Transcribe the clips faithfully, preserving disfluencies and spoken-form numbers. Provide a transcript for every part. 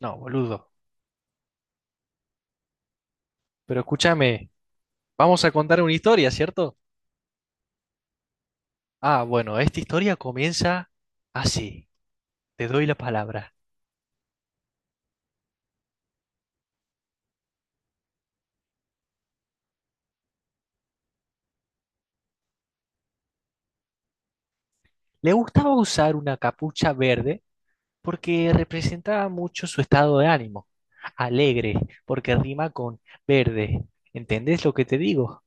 No, boludo. Pero escúchame, vamos a contar una historia, ¿cierto? Ah, bueno, esta historia comienza así. Te doy la palabra. Le gustaba usar una capucha verde porque representaba mucho su estado de ánimo. Alegre, porque rima con verde. ¿Entendés lo que te digo?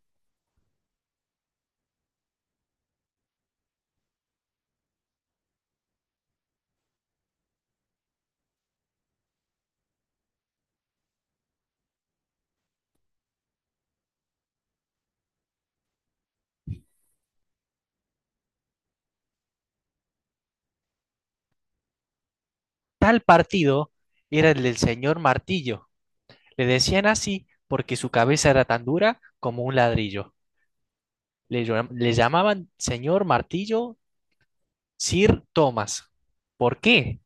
Tal partido era el del señor Martillo. Le decían así porque su cabeza era tan dura como un ladrillo. Le, llam- le llamaban señor Martillo Sir Thomas, ¿por qué?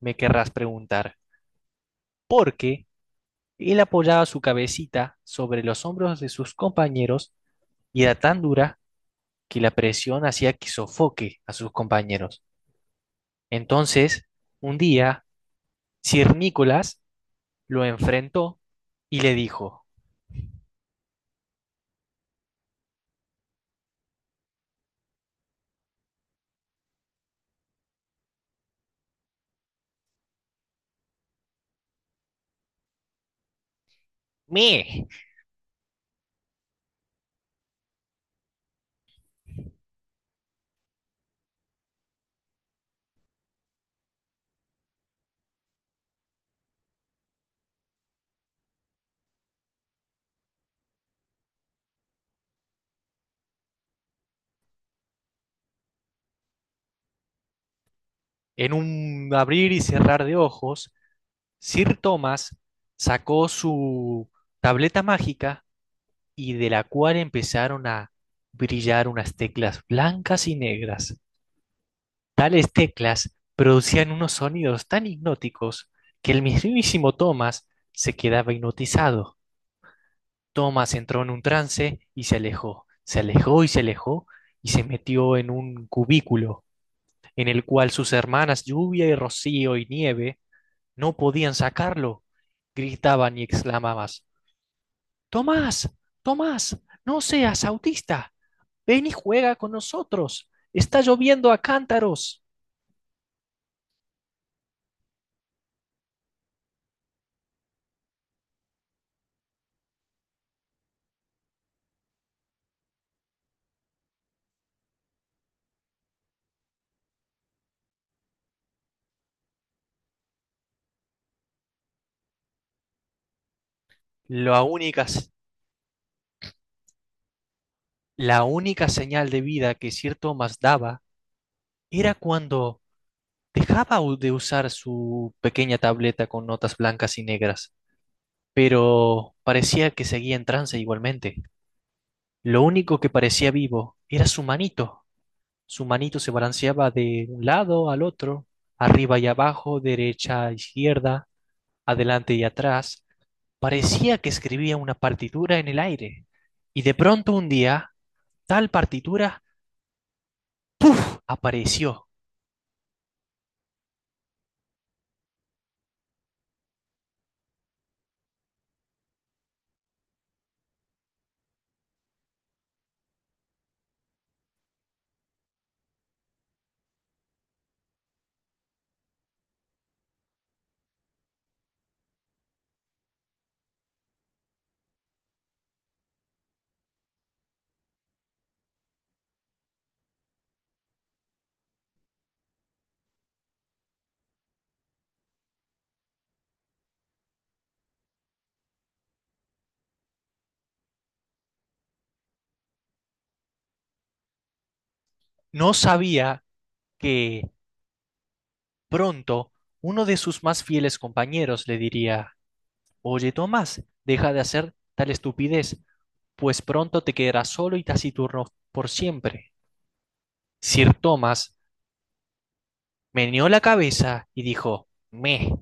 Me querrás preguntar. Porque él apoyaba su cabecita sobre los hombros de sus compañeros y era tan dura que la presión hacía que sofoque a sus compañeros. Entonces, un día, Sir Nicholas lo enfrentó y le dijo, ¡Me! En un abrir y cerrar de ojos, Sir Thomas sacó su tableta mágica y de la cual empezaron a brillar unas teclas blancas y negras. Tales teclas producían unos sonidos tan hipnóticos que el mismísimo Thomas se quedaba hipnotizado. Thomas entró en un trance y se alejó, se alejó y se alejó y se metió en un cubículo en el cual sus hermanas Lluvia y Rocío y Nieve no podían sacarlo. Gritaban y exclamaban, Tomás, Tomás, no seas autista, ven y juega con nosotros. Está lloviendo a cántaros. La única, la única señal de vida que Sir Thomas daba era cuando dejaba u- de usar su pequeña tableta con notas blancas y negras, pero parecía que seguía en trance igualmente. Lo único que parecía vivo era su manito. Su manito se balanceaba de un lado al otro, arriba y abajo, derecha a izquierda, adelante y atrás, parecía que escribía una partitura en el aire. Y de pronto un día, tal partitura apareció. No sabía que pronto uno de sus más fieles compañeros le diría, oye, Tomás, deja de hacer tal estupidez, pues pronto te quedarás solo y taciturno por siempre. Sir Thomas meneó la cabeza y dijo, meh,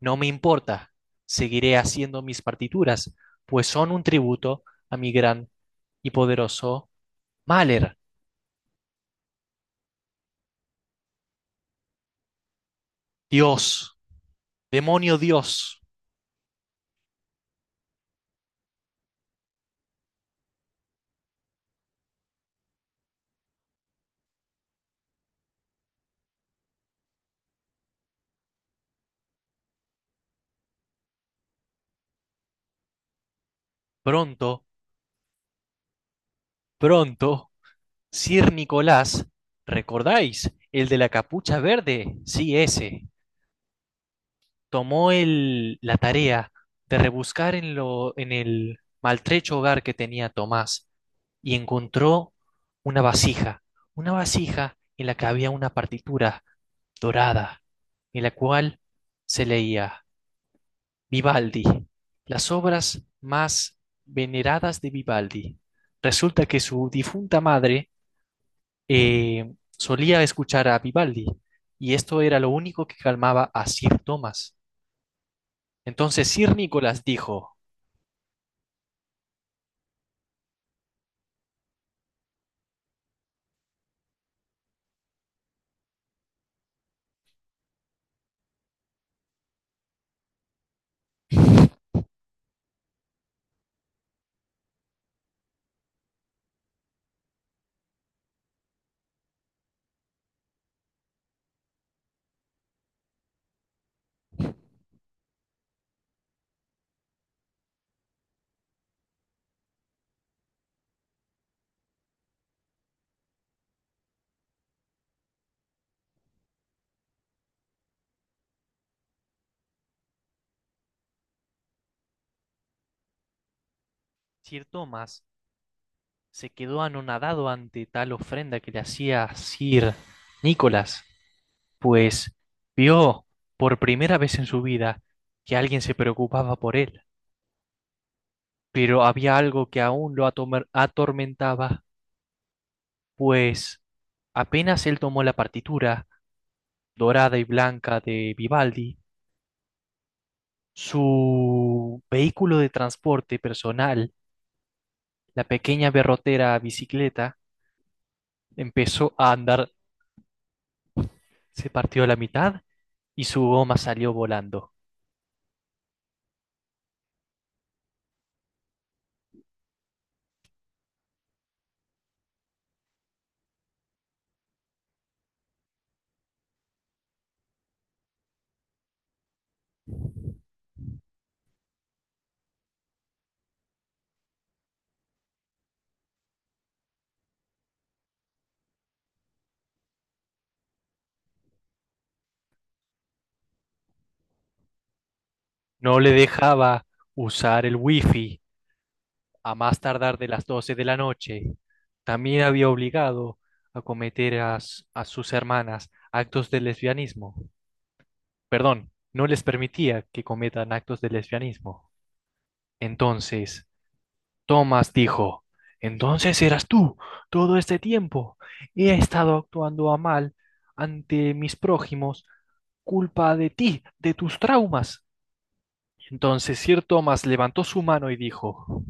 no me importa, seguiré haciendo mis partituras, pues son un tributo a mi gran y poderoso Mahler. Dios, demonio Dios, pronto, pronto, Sir Nicolás, ¿recordáis? El de la capucha verde, sí, ese. Tomó el, la tarea de rebuscar en lo, en el maltrecho hogar que tenía Tomás y encontró una vasija, una vasija en la que había una partitura dorada, en la cual se leía Vivaldi, las obras más veneradas de Vivaldi. Resulta que su difunta madre eh, solía escuchar a Vivaldi y esto era lo único que calmaba a Sir Thomas. Entonces Sir Nicolás dijo, Sir Thomas se quedó anonadado ante tal ofrenda que le hacía Sir Nicolás, pues vio por primera vez en su vida que alguien se preocupaba por él, pero había algo que aún lo atomer- atormentaba, pues apenas él tomó la partitura dorada y blanca de Vivaldi, su vehículo de transporte personal, la pequeña berrotera bicicleta, empezó a andar, se partió a la mitad y su goma salió volando. No le dejaba usar el wifi a más tardar de las doce de la noche. También había obligado a cometer a, s- a sus hermanas actos de lesbianismo. Perdón, no les permitía que cometan actos de lesbianismo. Entonces, Thomas dijo, entonces eras tú todo este tiempo. He estado actuando a mal ante mis prójimos, culpa de ti, de tus traumas. Entonces Sir Thomas levantó su mano y dijo,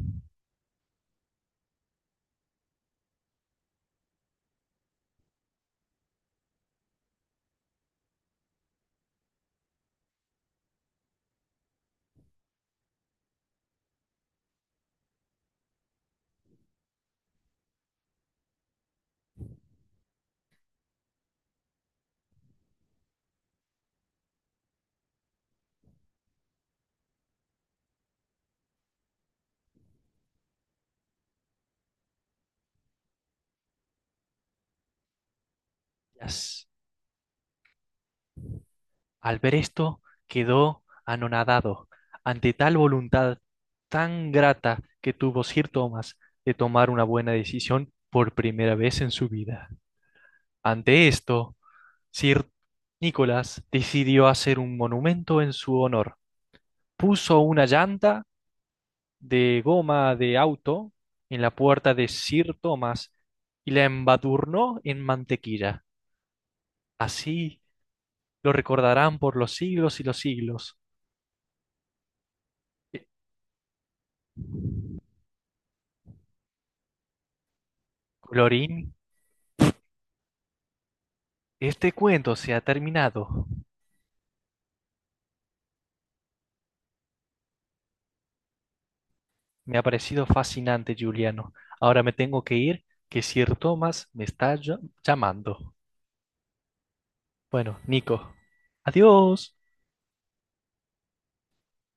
"Yes". Al ver esto, quedó anonadado ante tal voluntad tan grata que tuvo Sir Thomas de tomar una buena decisión por primera vez en su vida. Ante esto, Sir Nicholas decidió hacer un monumento en su honor. Puso una llanta de goma de auto en la puerta de Sir Thomas y la embadurnó en mantequilla. Así lo recordarán por los siglos y los siglos. Eh, Colorín, este cuento se ha terminado. Me ha parecido fascinante, Juliano. Ahora me tengo que ir, que Sir Thomas me está ll- llamando. Bueno, Nico, adiós.